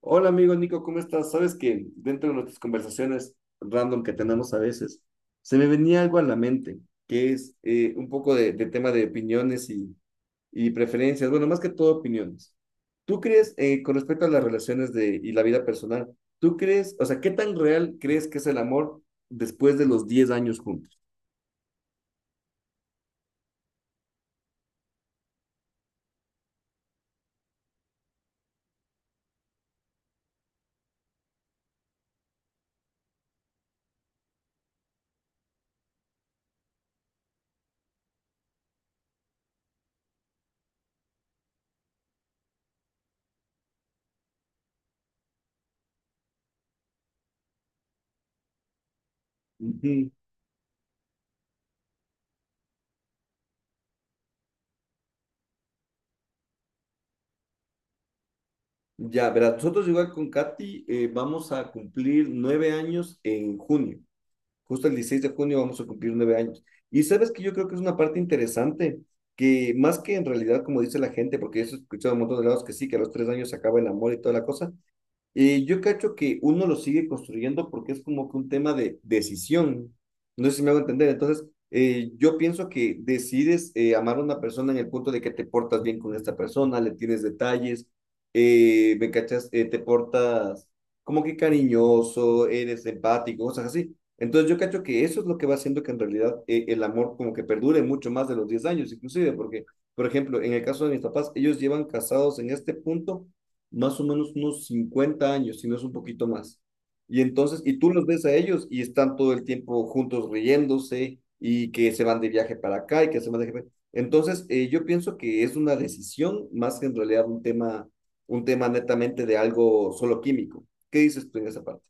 Hola amigo Nico, ¿cómo estás? Sabes que dentro de nuestras conversaciones random que tenemos a veces, se me venía algo a la mente, que es un poco de, tema de opiniones y, preferencias, bueno, más que todo opiniones. ¿Tú crees, con respecto a las relaciones de, y la vida personal, tú crees, o sea, qué tan real crees que es el amor después de los diez años juntos? Ujú. Ya, verás, nosotros igual con Katy vamos a cumplir 9 años en junio. Justo el 16 de junio vamos a cumplir 9 años. Y sabes que yo creo que es una parte interesante, que más que en realidad, como dice la gente, porque yo he escuchado a un montón de lados que sí, que a los 3 años se acaba el amor y toda la cosa, yo cacho que uno lo sigue construyendo porque es como que un tema de decisión. No sé si me hago entender. Entonces, yo pienso que decides amar a una persona en el punto de que te portas bien con esta persona, le tienes detalles, me cachas, te portas como que cariñoso, eres empático, cosas así. Entonces, yo cacho que eso es lo que va haciendo que en realidad el amor como que perdure mucho más de los 10 años, inclusive, porque, por ejemplo, en el caso de mis papás, ellos llevan casados en este punto más o menos unos 50 años, si no es un poquito más. Y entonces, y tú los ves a ellos y están todo el tiempo juntos riéndose y que se van de viaje para acá y que se van de viaje. Entonces, yo pienso que es una decisión más que en realidad un tema netamente de algo solo químico. ¿Qué dices tú en esa parte?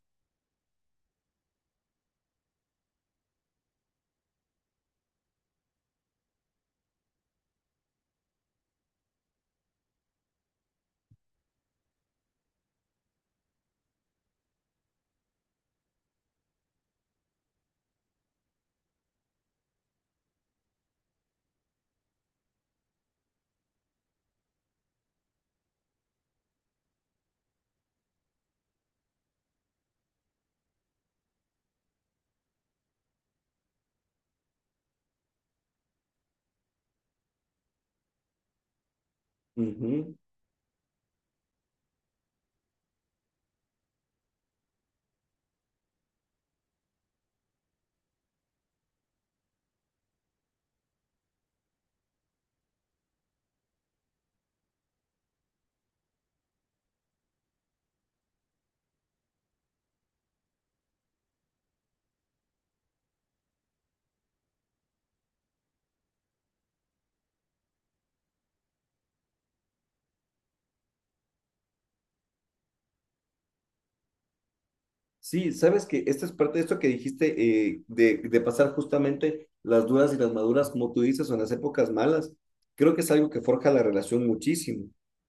Sí, sabes que esta es parte de esto que dijiste, de, pasar justamente las duras y las maduras, como tú dices, o en las épocas malas. Creo que es algo que forja la relación muchísimo.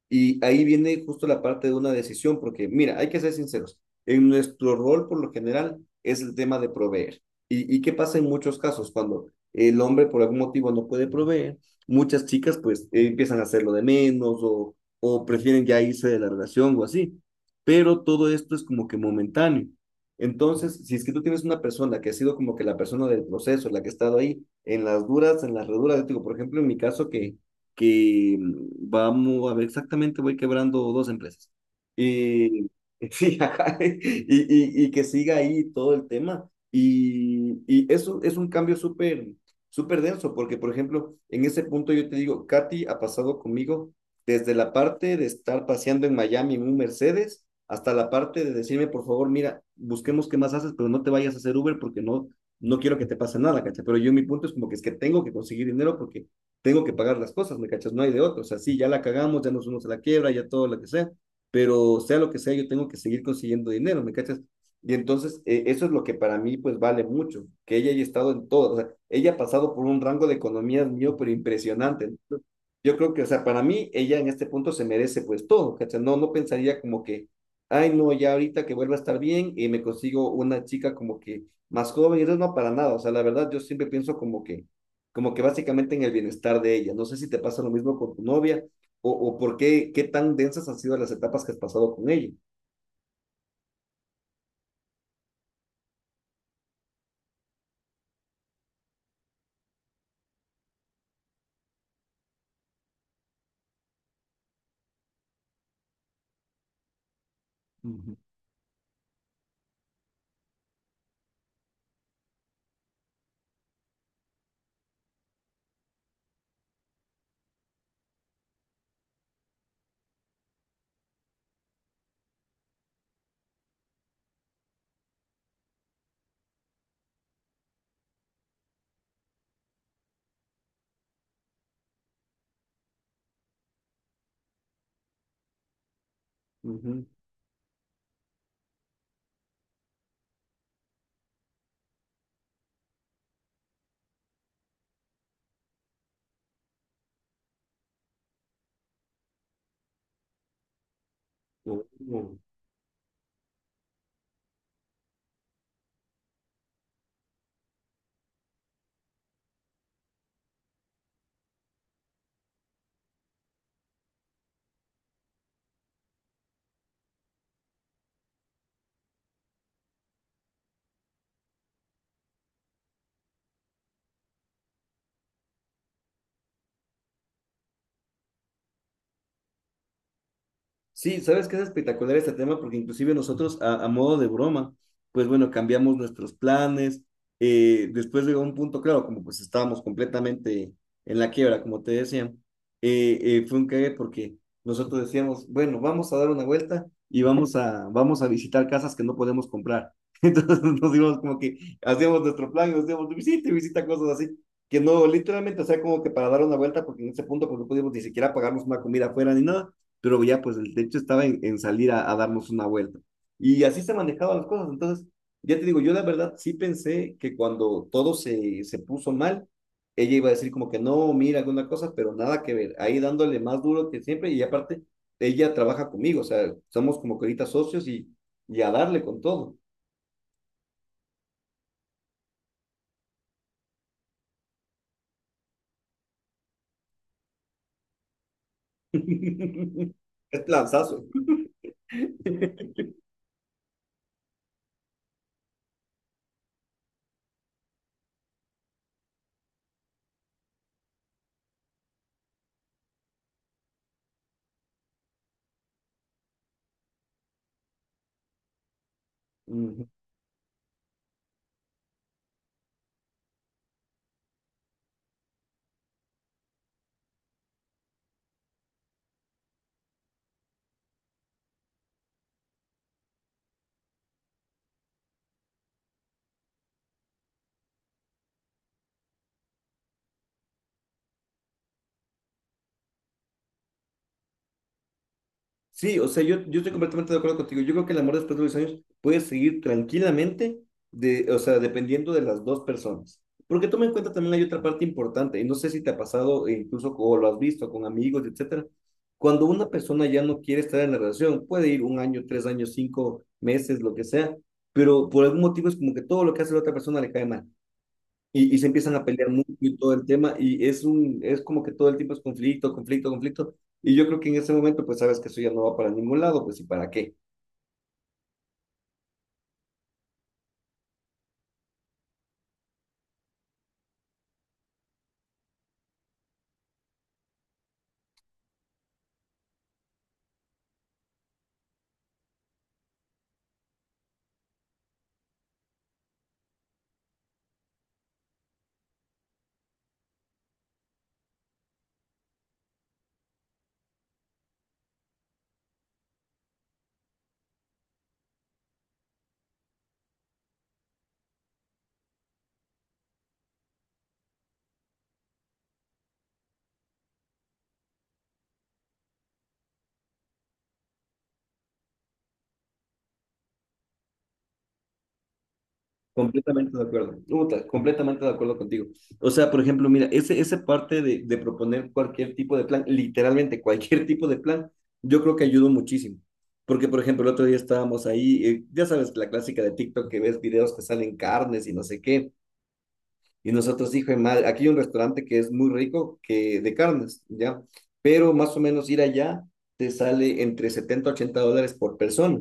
Y ahí viene justo la parte de una decisión, porque mira, hay que ser sinceros. En nuestro rol, por lo general, es el tema de proveer. ¿Y qué pasa en muchos casos? Cuando el hombre por algún motivo no puede proveer, muchas chicas pues empiezan a hacerlo de menos o, prefieren ya irse de la relación o así. Pero todo esto es como que momentáneo. Entonces, si es que tú tienes una persona que ha sido como que la persona del proceso, la que ha estado ahí en las duras, en las reduras, yo te digo, por ejemplo, en mi caso que mm, vamos a ver exactamente, voy quebrando dos empresas. Y, sí, ajá, y que siga ahí todo el tema. Y eso es un cambio súper, súper denso, porque, por ejemplo, en ese punto yo te digo, Katy ha pasado conmigo desde la parte de estar paseando en Miami en un Mercedes hasta la parte de decirme, por favor, mira, busquemos qué más haces, pero no te vayas a hacer Uber porque no, no quiero que te pase nada, ¿cachai? Pero yo mi punto es como que es que tengo que conseguir dinero porque tengo que pagar las cosas, ¿me cachas? No hay de otro. O sea, sí, ya la cagamos, ya nos unos a la quiebra, ya todo lo que sea, pero sea lo que sea, yo tengo que seguir consiguiendo dinero, ¿me cachas? Y entonces, eso es lo que para mí, pues, vale mucho, que ella haya estado en todo, o sea, ella ha pasado por un rango de economías mío, pero impresionante, yo creo que, o sea, para mí, ella en este punto se merece pues todo, ¿cachai? No, no pensaría como que, ay, no, ya ahorita que vuelva a estar bien y me consigo una chica como que más joven, y eso no para nada, o sea, la verdad, yo siempre pienso como que, básicamente en el bienestar de ella. No sé si te pasa lo mismo con tu novia o, por qué, qué tan densas han sido las etapas que has pasado con ella. Ujú, ujú. Sí, sabes que es espectacular este tema porque inclusive nosotros a, modo de broma, pues bueno, cambiamos nuestros planes. Después llegó un punto, claro, como pues estábamos completamente en la quiebra, como te decía, fue un cague porque nosotros decíamos, bueno, vamos a dar una vuelta y vamos a visitar casas que no podemos comprar. Entonces nos dimos como que hacíamos nuestro plan y nos íbamos de visita y visita cosas así, que no, literalmente, o sea, como que para dar una vuelta porque en ese punto pues no podíamos ni siquiera pagarnos una comida afuera ni nada, pero ya pues el techo estaba en, salir a, darnos una vuelta. Y así se manejaban las cosas. Entonces, ya te digo, yo la verdad sí pensé que cuando todo se, puso mal, ella iba a decir como que no, mira alguna cosa, pero nada que ver, ahí dándole más duro que siempre y aparte, ella trabaja conmigo, o sea, somos como que ahorita socios y a darle con todo. Es lanzazo. Ujú. Sí, o sea, yo, estoy completamente de acuerdo contigo. Yo creo que el amor después de los años puede seguir tranquilamente, de, o sea, dependiendo de las dos personas. Porque toma en cuenta también hay otra parte importante, y no sé si te ha pasado, e incluso o lo has visto con amigos, etcétera. Cuando una persona ya no quiere estar en la relación, puede ir un año, 3 años, 5 meses, lo que sea, pero por algún motivo es como que todo lo que hace la otra persona le cae mal y se empiezan a pelear mucho y todo el tema, y es un, es como que todo el tiempo es conflicto, conflicto, conflicto, y yo creo que en ese momento pues sabes que eso ya no va para ningún lado, pues ¿y para qué? Completamente de acuerdo, Uta, completamente de acuerdo contigo. O sea, por ejemplo, mira, esa parte de, proponer cualquier tipo de plan, literalmente cualquier tipo de plan, yo creo que ayudó muchísimo. Porque, por ejemplo, el otro día estábamos ahí, ya sabes, la clásica de TikTok que ves videos que salen carnes y no sé qué. Y nosotros, hijo de madre, aquí hay un restaurante que es muy rico, que de carnes, ¿ya? Pero más o menos ir allá te sale entre 70 a $80 por persona.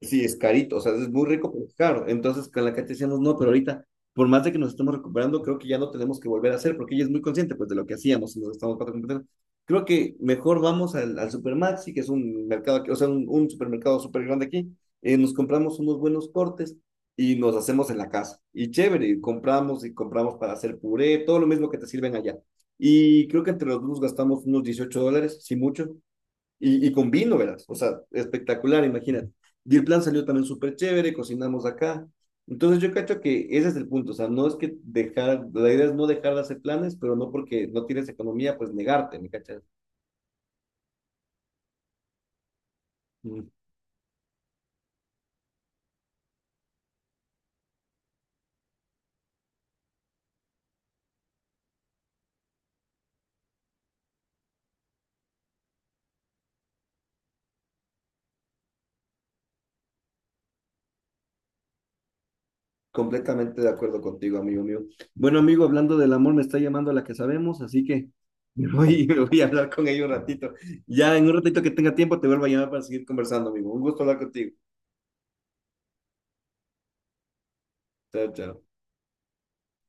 Sí, es carito, o sea, es muy rico, pero es caro. Entonces, con la Katy decíamos, no, pero ahorita, por más de que nos estemos recuperando, creo que ya no tenemos que volver a hacer, porque ella es muy consciente, pues, de lo que hacíamos y nos estamos completando. Creo que mejor vamos al, Supermaxi, que es un mercado, aquí, o sea, un, supermercado súper grande aquí, nos compramos unos buenos cortes y nos hacemos en la casa. Y chévere, y compramos para hacer puré, todo lo mismo que te sirven allá. Y creo que entre los dos gastamos unos $18, si mucho, y con vino, verás. O sea, espectacular, imagínate. Y el plan salió también súper chévere, cocinamos acá. Entonces yo cacho que ese es el punto, o sea, no es que dejar, la idea es no dejar de hacer planes, pero no porque no tienes economía, pues negarte, ¿me cachas? Mm. Completamente de acuerdo contigo, amigo mío. Bueno, amigo, hablando del amor, me está llamando la que sabemos, así que me voy, me voy a hablar con ella un ratito. Ya en un ratito que tenga tiempo, te vuelvo a llamar para seguir conversando, amigo. Un gusto hablar contigo. Chao, chao.